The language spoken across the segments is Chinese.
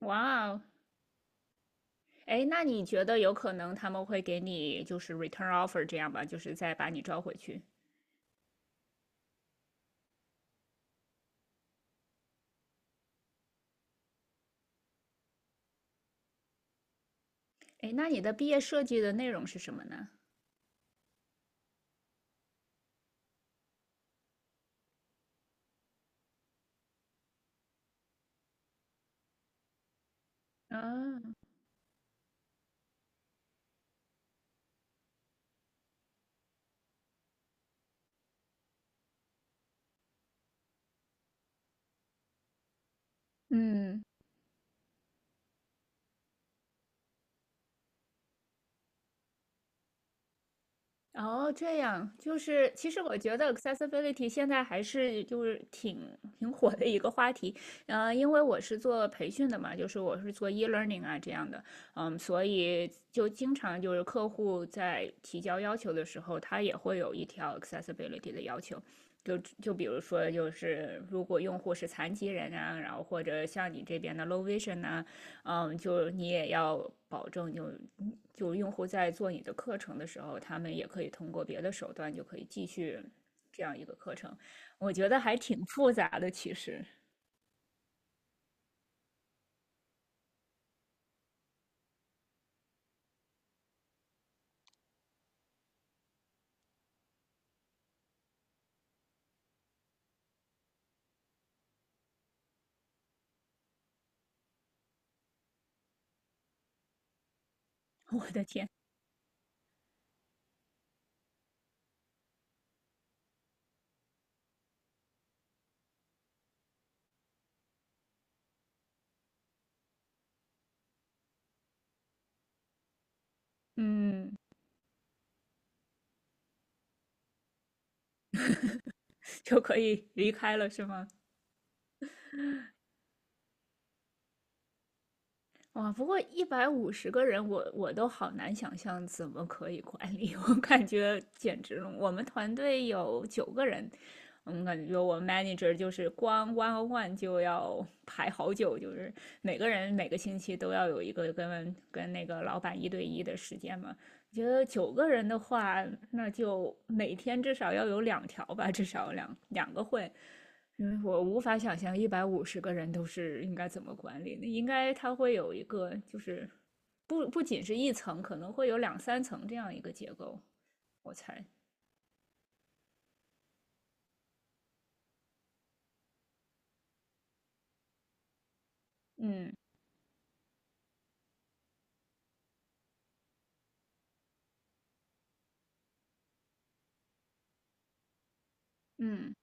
哇哦，哎，那你觉得有可能他们会给你就是 return offer 这样吧，就是再把你招回去？哎，那你的毕业设计的内容是什么呢？啊，嗯。哦，这样，就是其实我觉得 accessibility 现在还是就是挺火的一个话题，因为我是做培训的嘛，就是我是做 e-learning 啊这样的，所以就经常就是客户在提交要求的时候，他也会有一条 accessibility 的要求，就比如说就是如果用户是残疾人啊，然后或者像你这边的 low vision 啊，就你也要保证就用户在做你的课程的时候，他们也可以通过别的手段就可以继续这样一个课程。我觉得还挺复杂的，其实，我的天，嗯，就可以离开了是吗？哇，不过一百五十个人，我都好难想象怎么可以管理，我感觉简直了。我们团队有九个人，感觉我们 manager 就是光 one on one 就要排好久，就是每个人每个星期都要有一个跟那个老板一对一的时间嘛。我觉得九个人的话，那就每天至少要有两条吧，至少两个会。因为我无法想象一百五十个人都是应该怎么管理的，应该它会有一个就是不仅是一层，可能会有两三层这样一个结构，我猜。嗯嗯，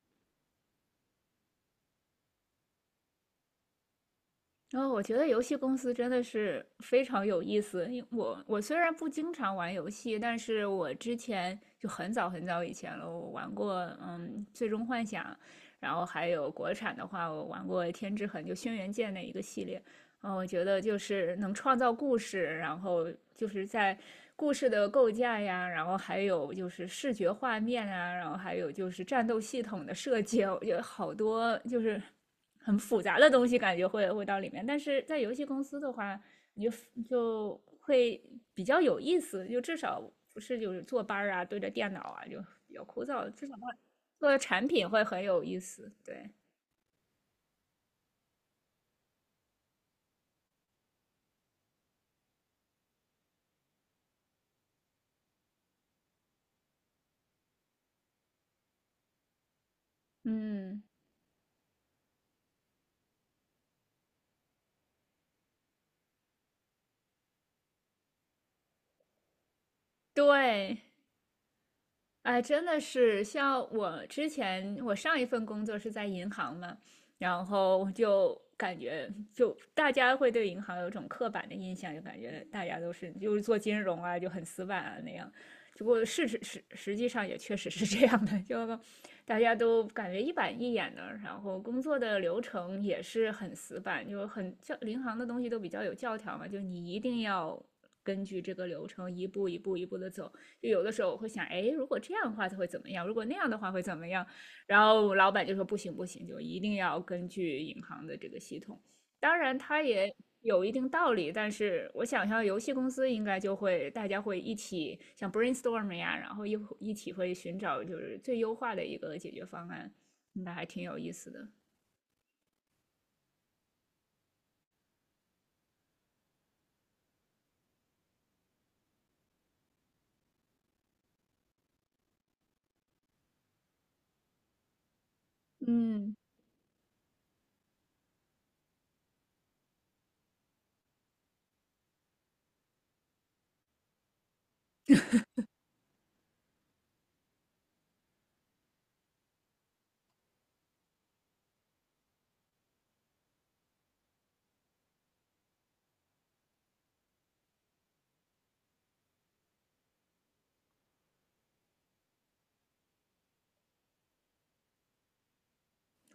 然后我觉得游戏公司真的是非常有意思。因为我虽然不经常玩游戏，但是我之前就很早很早以前了，我玩过《最终幻想》，然后还有国产的话，我玩过《天之痕》就《轩辕剑》那一个系列。嗯，我觉得就是能创造故事，然后就是在故事的构架呀，然后还有就是视觉画面啊，然后还有就是战斗系统的设计，我觉得好多就是很复杂的东西，感觉会到里面。但是在游戏公司的话，你就会比较有意思，就至少不是就是坐班儿啊，对着电脑啊，就比较枯燥。至少它做的产品会很有意思，对，嗯，对。哎，真的是，像我之前，我上一份工作是在银行嘛，然后就感觉，就大家会对银行有种刻板的印象，就感觉大家都是就是做金融啊，就很死板啊那样。只不过事实实际上也确实是这样的，就大家都感觉一板一眼的，然后工作的流程也是很死板，就很教银行的东西都比较有教条嘛，就你一定要根据这个流程一步一步一步的走。就有的时候我会想，哎，如果这样的话它会怎么样？如果那样的话会怎么样？然后老板就说不行不行，就一定要根据银行的这个系统。当然，它也有一定道理，但是我想象游戏公司应该就会大家会一起像 brainstorm 呀，然后一起会寻找就是最优化的一个解决方案，那还挺有意思的。嗯，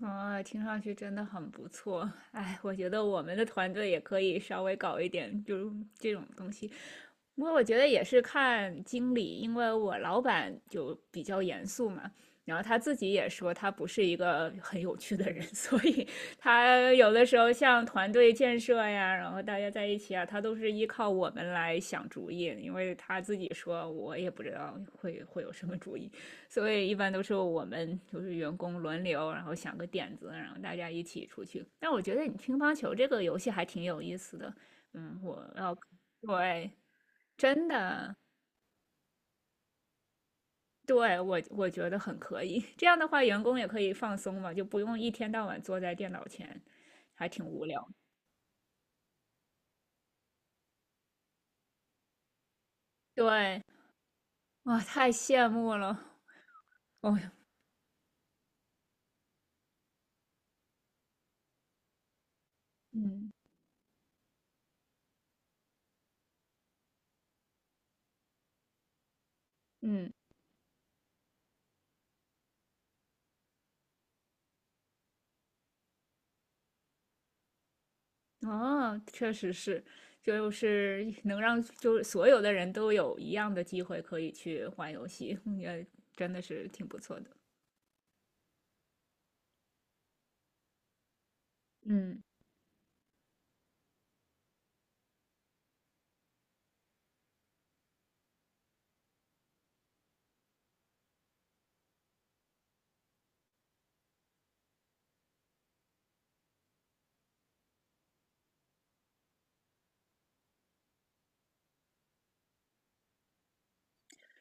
啊，听上去真的很不错。哎，我觉得我们的团队也可以稍微搞一点，就是这种东西。不过我觉得也是看经理，因为我老板就比较严肃嘛，然后他自己也说他不是一个很有趣的人，所以他有的时候像团队建设呀，然后大家在一起啊，他都是依靠我们来想主意，因为他自己说我也不知道会有什么主意，所以一般都是我们就是员工轮流，然后想个点子，然后大家一起出去。但我觉得你乒乓球这个游戏还挺有意思的，嗯，我要对。真的，对，我觉得很可以。这样的话，员工也可以放松嘛，就不用一天到晚坐在电脑前，还挺无聊。对，哇，太羡慕了。哦，嗯嗯，哦，确实是，就是能让就是所有的人都有一样的机会可以去玩游戏，也真的是挺不错的。嗯。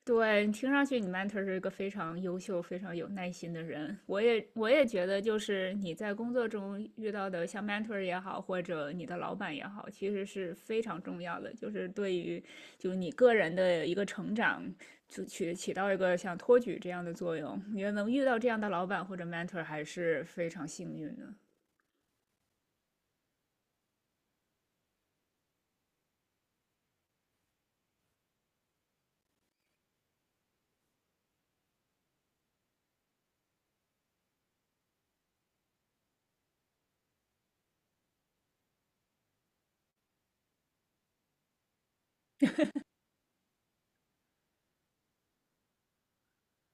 对，听上去你 mentor 是一个非常优秀、非常有耐心的人。我也觉得，就是你在工作中遇到的像 mentor 也好，或者你的老板也好，其实是非常重要的，就是对于就是你个人的一个成长，就起到一个像托举这样的作用。因为能遇到这样的老板或者 mentor 还是非常幸运的。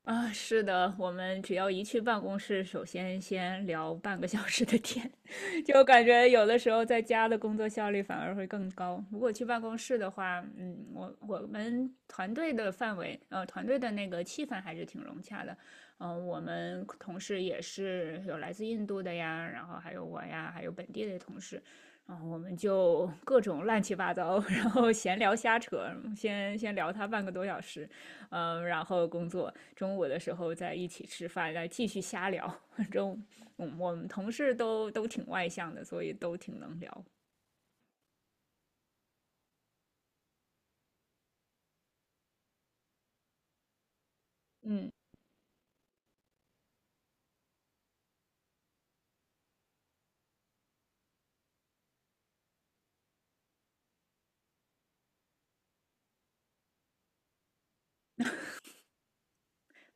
啊，是的，我们只要一去办公室，首先聊半个小时的天，就感觉有的时候在家的工作效率反而会更高。如果去办公室的话，我们团队的范围，团队的那个气氛还是挺融洽的。我们同事也是有来自印度的呀，然后还有我呀，还有本地的同事，然后我们就各种乱七八糟，然后闲聊瞎扯，先聊他半个多小时。然后工作，中午的时候再一起吃饭，再继续瞎聊。反正我们同事都挺外向的，所以都挺能聊。嗯，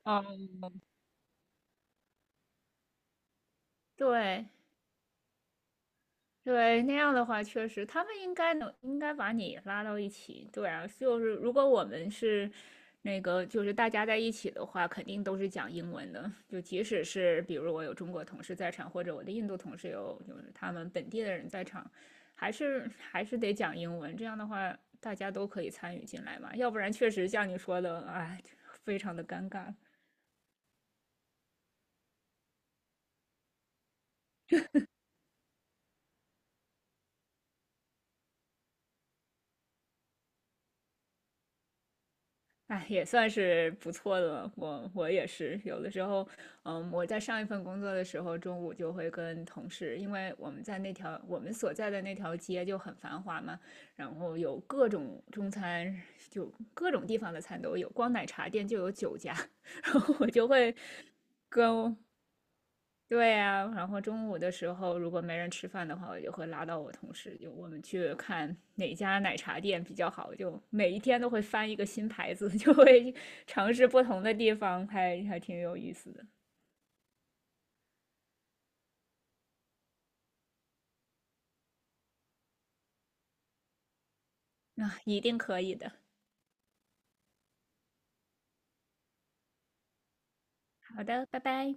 哦，对，对，那样的话，确实他们应该能应该把你拉到一起。对啊，就是如果我们是那个，就是大家在一起的话，肯定都是讲英文的。就即使是比如我有中国同事在场，或者我的印度同事有就是他们本地的人在场，还是得讲英文。这样的话，大家都可以参与进来嘛。要不然确实像你说的，哎，非常的尴尬。哎，也算是不错的了。我也是，有的时候，我在上一份工作的时候，中午就会跟同事，因为我们在那条我们所在的那条街就很繁华嘛，然后有各种中餐，就各种地方的餐都有，光奶茶店就有9家，然后我就会跟对呀，然后中午的时候如果没人吃饭的话，我就会拉到我同事，就我们去看哪家奶茶店比较好，就每一天都会翻一个新牌子，就会尝试不同的地方，还挺有意思的。那、一定可以的。好的，拜拜。